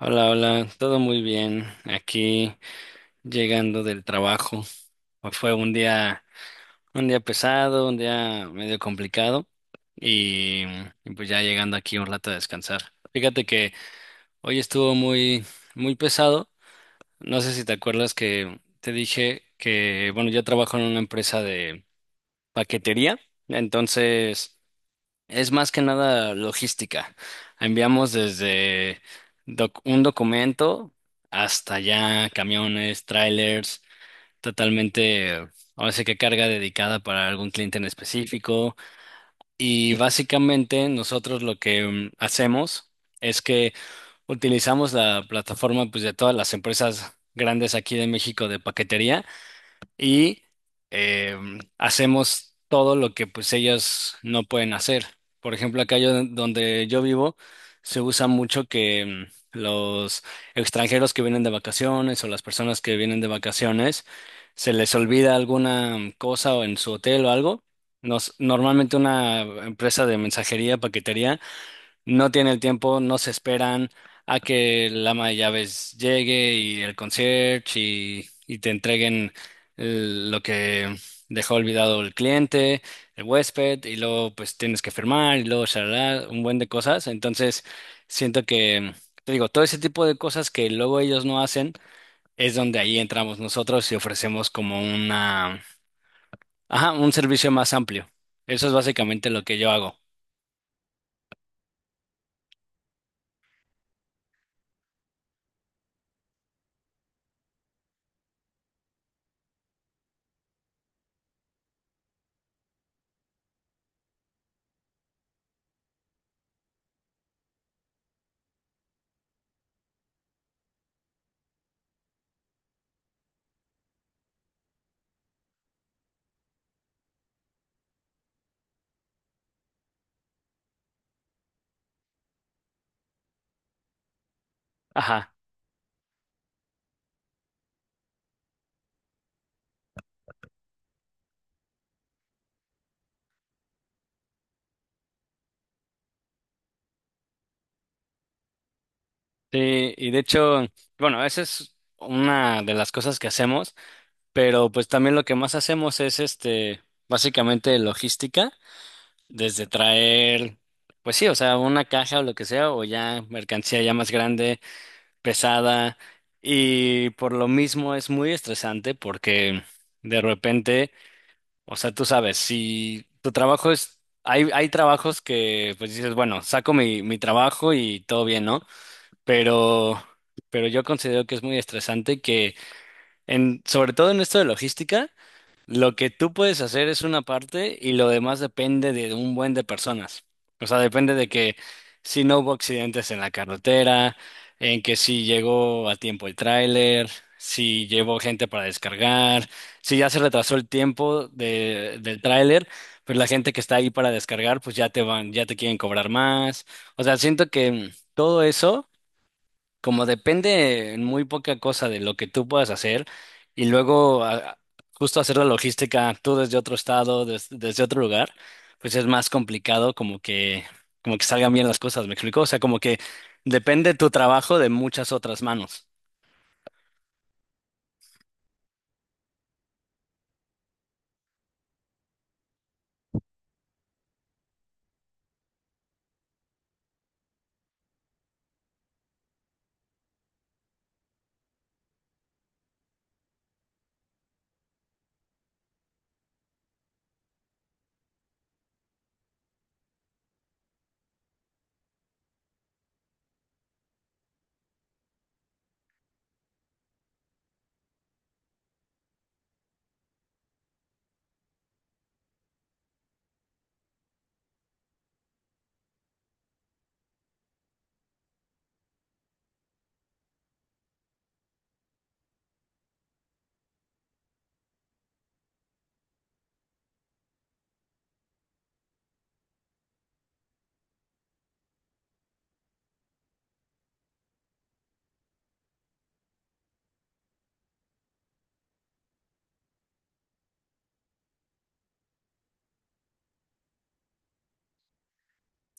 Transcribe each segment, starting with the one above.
Hola, hola, todo muy bien. Aquí llegando del trabajo. Fue un día pesado, un día medio complicado y, y pues ya llegando aquí un rato a descansar. Fíjate que hoy estuvo muy, muy pesado. No sé si te acuerdas que te dije que, bueno, yo trabajo en una empresa de paquetería, entonces es más que nada logística. Enviamos desde un documento hasta ya camiones, trailers, totalmente, ahora sí que carga dedicada para algún cliente en específico. Y básicamente nosotros lo que hacemos es que utilizamos la plataforma, pues, de todas las empresas grandes aquí de México de paquetería y eh, hacemos todo lo que pues ellas no pueden hacer. Por ejemplo, acá yo, donde yo vivo se usa mucho que los extranjeros que vienen de vacaciones o las personas que vienen de vacaciones se les olvida alguna cosa o en su hotel o algo. Normalmente una empresa de mensajería, paquetería no tiene el tiempo, no se esperan a que el ama de llaves llegue y el concierge y te entreguen lo que dejó olvidado el cliente, el huésped, y luego pues tienes que firmar y luego shalala, un buen de cosas. Entonces, siento que, te digo, todo ese tipo de cosas que luego ellos no hacen es donde ahí entramos nosotros y ofrecemos como una, ajá, un servicio más amplio. Eso es básicamente lo que yo hago. Ajá. Sí, y de hecho, bueno, esa es una de las cosas que hacemos, pero pues también lo que más hacemos es este, básicamente logística, desde traer, pues sí, o sea, una caja o lo que sea, o ya mercancía ya más grande, pesada, y por lo mismo es muy estresante porque de repente, o sea, tú sabes, si tu trabajo es, hay trabajos que pues dices, bueno, saco mi trabajo y todo bien, ¿no? pero, pero yo considero que es muy estresante que, sobre todo en esto de logística, lo que tú puedes hacer es una parte y lo demás depende de un buen de personas. O sea, depende de que si no hubo accidentes en la carretera, en que si llegó a tiempo el tráiler, si llevó gente para descargar, si ya se retrasó el tiempo de, del tráiler, pues la gente que está ahí para descargar, pues ya te van, ya te quieren cobrar más. O sea, siento que todo eso como depende en muy poca cosa de lo que tú puedas hacer y luego justo hacer la logística tú desde otro estado, desde otro lugar, pues es más complicado, como que salgan bien las cosas, ¿me explico? O sea, como que depende tu trabajo de muchas otras manos.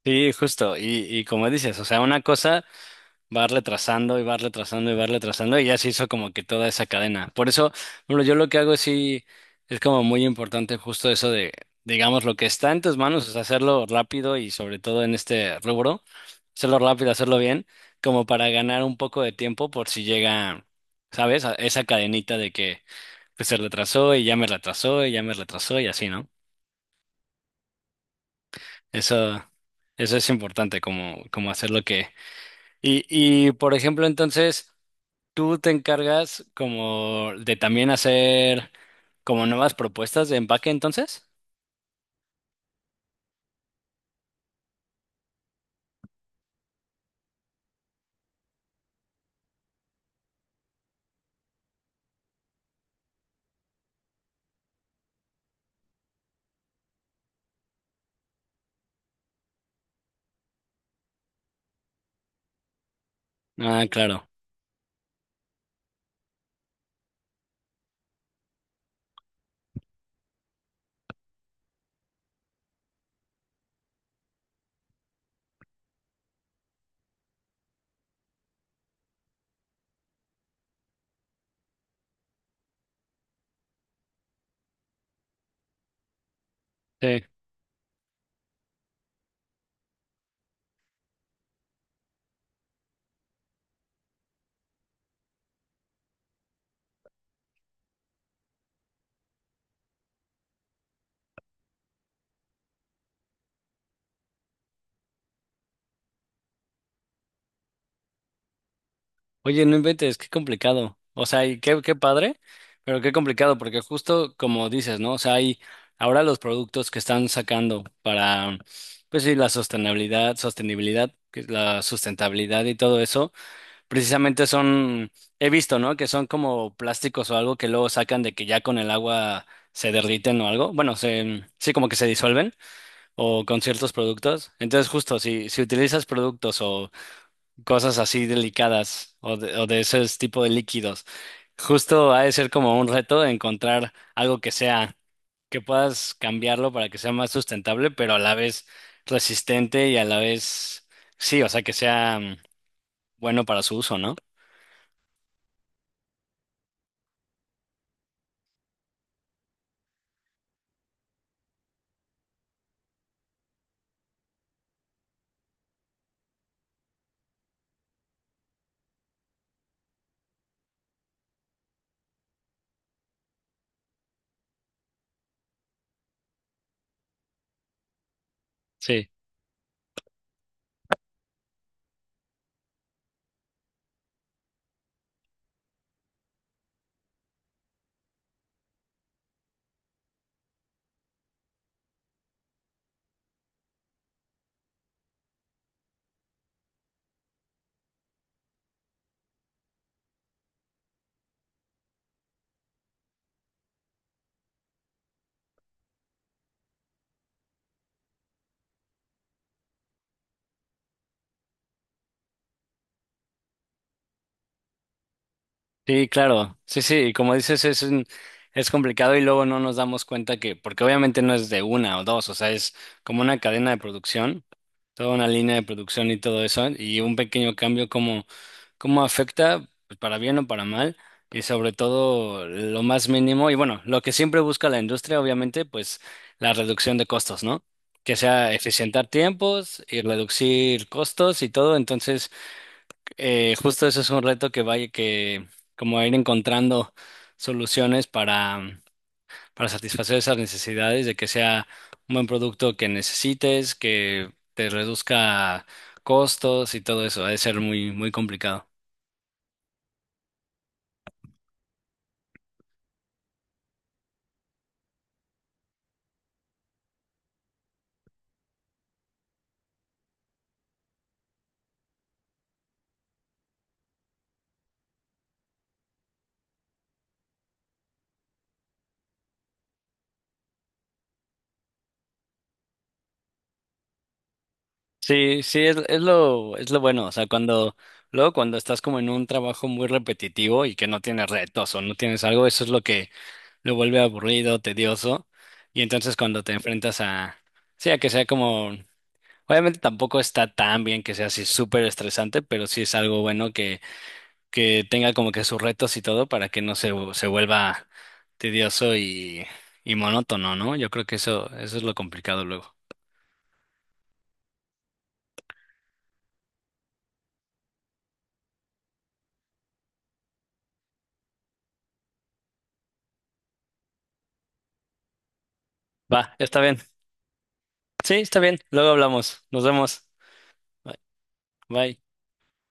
Sí, justo. Y como dices, o sea, una cosa va retrasando y va retrasando y va retrasando y ya se hizo como que toda esa cadena. Por eso, bueno, yo lo que hago sí es como muy importante justo eso de, digamos, lo que está en tus manos, es hacerlo rápido y sobre todo en este rubro, hacerlo rápido, hacerlo bien, como para ganar un poco de tiempo por si llega, ¿sabes? A esa cadenita de que pues se retrasó y ya me retrasó y ya me retrasó y así, ¿no? Eso, eso es importante, como, como hacer lo que. Y, y por ejemplo, entonces, tú te encargas como de también hacer como nuevas propuestas de empaque, entonces. Ah, claro. Sí. Oye, no inventes, qué complicado. O sea, y qué, qué padre, pero qué complicado, porque justo como dices, ¿no? O sea, hay ahora los productos que están sacando para, pues sí, la sostenibilidad, sostenibilidad, que es la sustentabilidad y todo eso. Precisamente son, he visto, ¿no? Que son como plásticos o algo que luego sacan de que ya con el agua se derriten o algo. Bueno, sí, como que se disuelven o con ciertos productos. Entonces, justo si utilizas productos o cosas así delicadas o o de ese tipo de líquidos, justo ha de ser como un reto encontrar algo que sea, que puedas cambiarlo para que sea más sustentable, pero a la vez resistente y a la vez, sí, o sea, que sea bueno para su uso, ¿no? Sí. Sí, claro. Sí, sí, y como dices, es complicado y luego no nos damos cuenta que, porque obviamente no es de una o dos, o sea, es como una cadena de producción, toda una línea de producción y todo eso, y un pequeño cambio, como, cómo afecta, pues, para bien o para mal, y sobre todo lo más mínimo, y bueno, lo que siempre busca la industria, obviamente, pues la reducción de costos, ¿no? Que sea eficientar tiempos y reducir costos y todo, entonces. Justo eso es un reto, que vaya que como ir encontrando soluciones para satisfacer esas necesidades, de que sea un buen producto que necesites, que te reduzca costos y todo eso. Ha de ser muy, muy complicado. Sí, sí, es lo bueno. O sea, cuando, luego cuando estás como en un trabajo muy repetitivo y que no tienes retos o no tienes algo, eso es lo que lo vuelve aburrido, tedioso. Y entonces cuando te enfrentas a, sí, a que sea como. Obviamente tampoco está tan bien que sea así súper estresante, pero sí es algo bueno que tenga como que sus retos y todo para que no se vuelva tedioso y monótono, ¿no? Yo creo que eso es lo complicado luego. Va, está bien. Sí, está bien. Luego hablamos. Nos vemos. Bye. Bye.